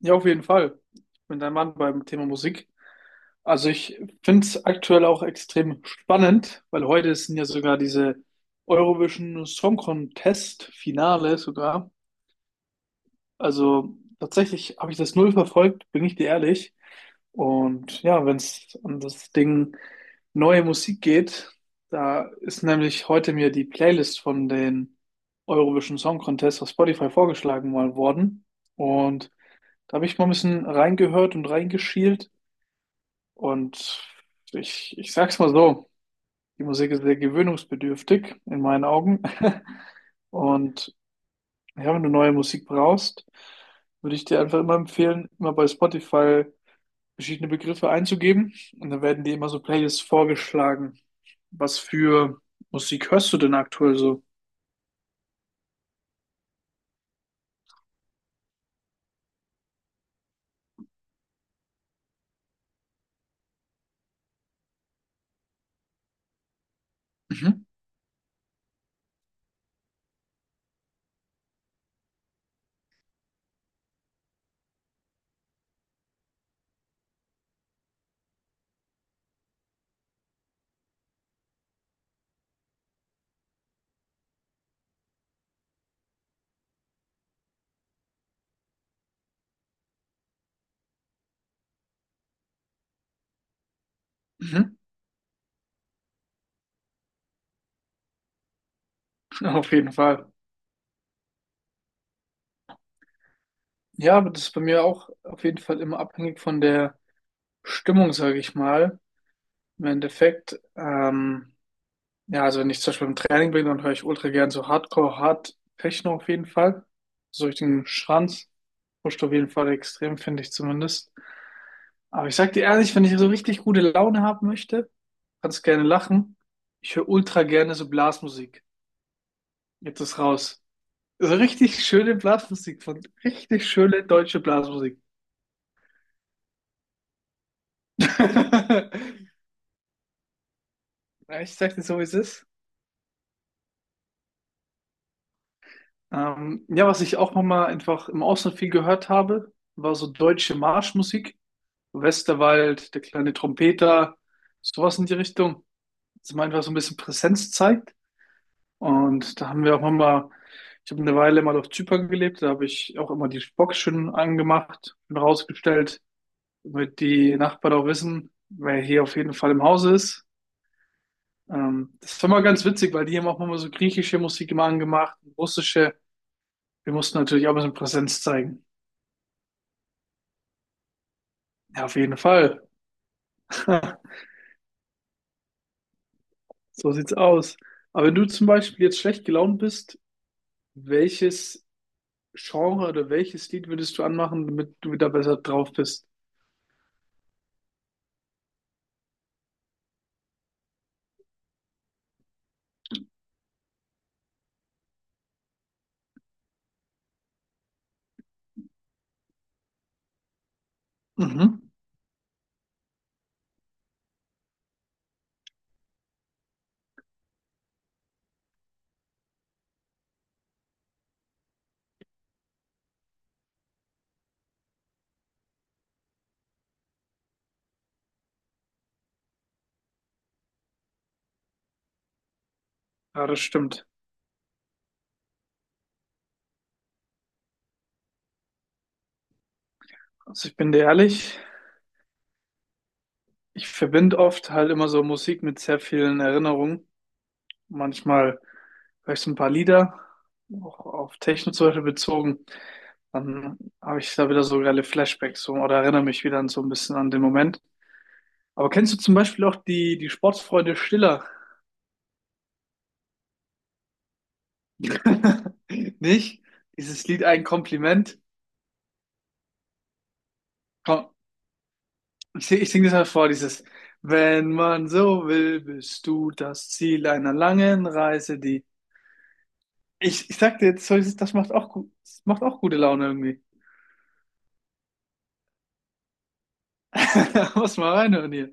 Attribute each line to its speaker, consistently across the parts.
Speaker 1: Ja, auf jeden Fall. Ich bin dein Mann beim Thema Musik. Also ich finde es aktuell auch extrem spannend, weil heute sind ja sogar diese Eurovision Song Contest Finale sogar. Also tatsächlich habe ich das null verfolgt, bin ich dir ehrlich. Und ja, wenn es um das Ding neue Musik geht, da ist nämlich heute mir die Playlist von den Eurovision Song Contest auf Spotify vorgeschlagen mal worden. Und da habe ich mal ein bisschen reingehört und reingeschielt. Und ich sag's mal so, die Musik ist sehr gewöhnungsbedürftig in meinen Augen. Und ja, wenn du neue Musik brauchst, würde ich dir einfach immer empfehlen, immer bei Spotify verschiedene Begriffe einzugeben. Und dann werden dir immer so Playlists vorgeschlagen. Was für Musik hörst du denn aktuell so? Mhm. Mhm. Auf jeden Fall. Ja, aber das ist bei mir auch auf jeden Fall immer abhängig von der Stimmung, sage ich mal. Im Endeffekt, ja, also wenn ich zum Beispiel im Training bin, dann höre ich ultra gern so Hardcore, Hard Techno auf jeden Fall. So durch den Schranz. Pusht auf jeden Fall extrem, finde ich zumindest. Aber ich sag dir ehrlich, wenn ich so richtig gute Laune haben möchte, kannst gerne lachen. Ich höre ultra gerne so Blasmusik. Jetzt ist raus. So richtig schöne Blasmusik von richtig schöne deutsche Blasmusik. Ja, ich sag dir so, wie es ist. Ja, was ich auch nochmal einfach im Ausland viel gehört habe, war so deutsche Marschmusik. Westerwald, der kleine Trompeter, sowas in die Richtung. Dass man einfach so ein bisschen Präsenz zeigt. Und da haben wir auch nochmal, ich habe eine Weile mal auf Zypern gelebt, da habe ich auch immer die Box schön angemacht und rausgestellt, damit die Nachbarn auch wissen, wer hier auf jeden Fall im Hause ist. Das war mal ganz witzig, weil die haben auch immer so griechische Musik immer angemacht, russische. Wir mussten natürlich auch ein bisschen Präsenz zeigen. Ja, auf jeden Fall. So sieht's aus. Aber wenn du zum Beispiel jetzt schlecht gelaunt bist, welches Genre oder welches Lied würdest du anmachen, damit du wieder besser drauf bist? Mhm. Ja, das stimmt. Also ich bin dir ehrlich, ich verbinde oft halt immer so Musik mit sehr vielen Erinnerungen. Manchmal höre ich so ein paar Lieder, auch auf Techno zum Beispiel bezogen. Dann habe ich da wieder so geile Flashbacks so, oder erinnere mich wieder an so ein bisschen an den Moment. Aber kennst du zum Beispiel auch die Sportsfreunde Stiller? Nicht? Dieses Lied ein Kompliment. Komm, ich sing das mal vor, dieses wenn man so will, bist du das Ziel einer langen Reise, die. Ich sag dir jetzt, so ist es- das macht auch gut, das macht auch gute Laune irgendwie. Muss mal reinhören hier.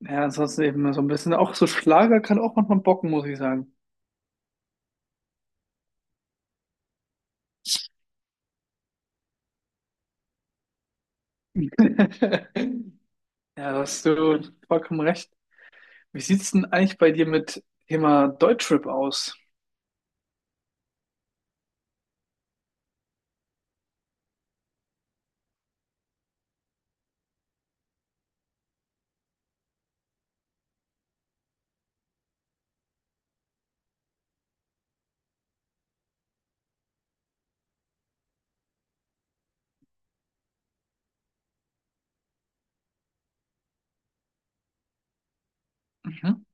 Speaker 1: Ja, ansonsten eben so ein bisschen, auch so Schlager kann auch manchmal bocken, muss ich sagen. Ja, da hast du vollkommen recht. Wie sieht's denn eigentlich bei dir mit Thema Deutschrap aus? Mhm.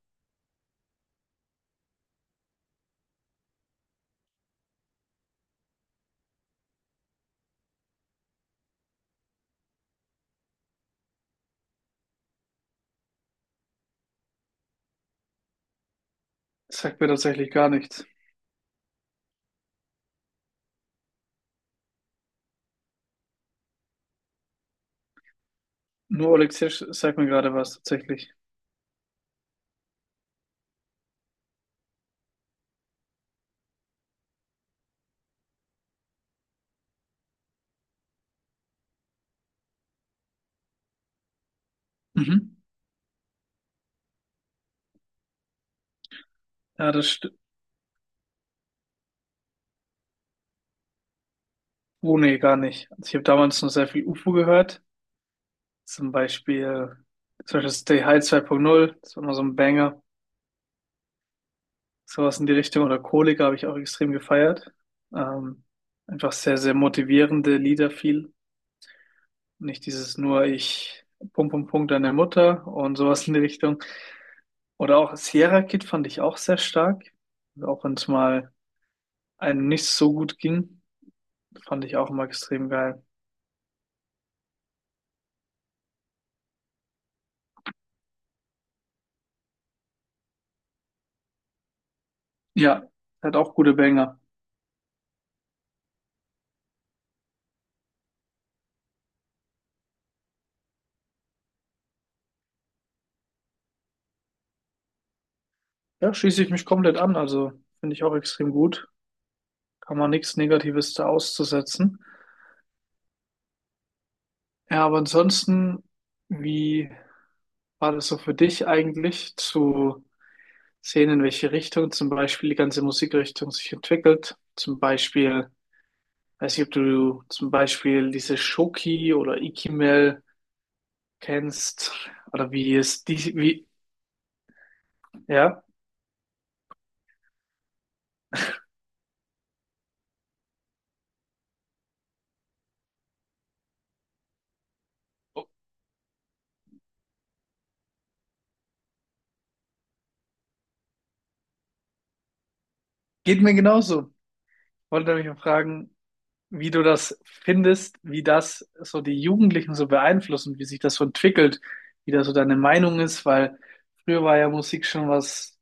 Speaker 1: Das sagt mir tatsächlich gar nichts. Nur Oleksiy sagt mir gerade was tatsächlich. Mhm. Ja, das stimmt. Oh, nee, gar nicht. Also ich habe damals noch sehr viel UFO gehört. Zum Beispiel, zum Beispiel Stay High 2.0, das war immer so ein Banger. Sowas in die Richtung. Oder Kollega habe ich auch extrem gefeiert. Ähm, einfach sehr, sehr motivierende Lieder viel. Nicht dieses nur ich Punkt, Punkt, Punkt deine Mutter und sowas in die Richtung. Oder auch Sierra Kid fand ich auch sehr stark. Auch wenn es mal einem nicht so gut ging, fand ich auch immer extrem geil. Ja, der hat auch gute Banger. Ja, schließe ich mich komplett an. Also finde ich auch extrem gut. Kann man nichts Negatives da auszusetzen. Ja, aber ansonsten, wie war das so für dich eigentlich zu sehen, in welche Richtung zum Beispiel die ganze Musikrichtung sich entwickelt? Zum Beispiel, weiß nicht, ob du zum Beispiel diese Shoki oder Ikimel kennst oder wie es die, wie, ja, geht mir genauso. Wollte mich mal fragen, wie du das findest, wie das so die Jugendlichen so beeinflusst und wie sich das so entwickelt, wie da so deine Meinung ist, weil früher war ja Musik schon was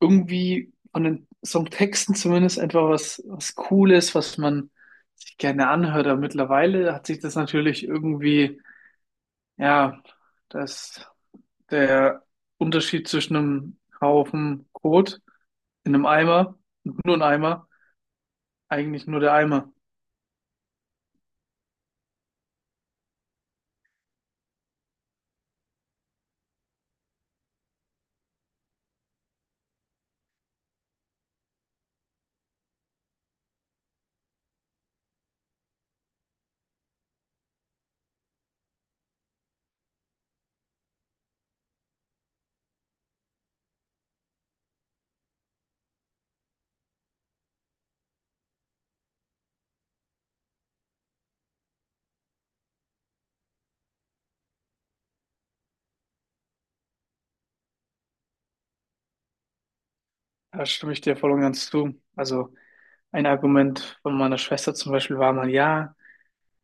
Speaker 1: irgendwie von den Songtexten zumindest etwa was, was Cooles, was man sich gerne anhört, aber mittlerweile hat sich das natürlich irgendwie, ja, dass der Unterschied zwischen einem Haufen Kot in einem Eimer und nur ein Eimer, eigentlich nur der Eimer. Da stimme ich dir voll und ganz zu. Also, ein Argument von meiner Schwester zum Beispiel war mal, ja,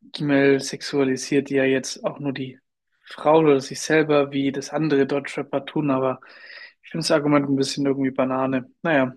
Speaker 1: Gimel sexualisiert ja jetzt auch nur die Frau oder sich selber, wie das andere Deutschrapper tun, aber ich finde das Argument ein bisschen irgendwie Banane. Naja.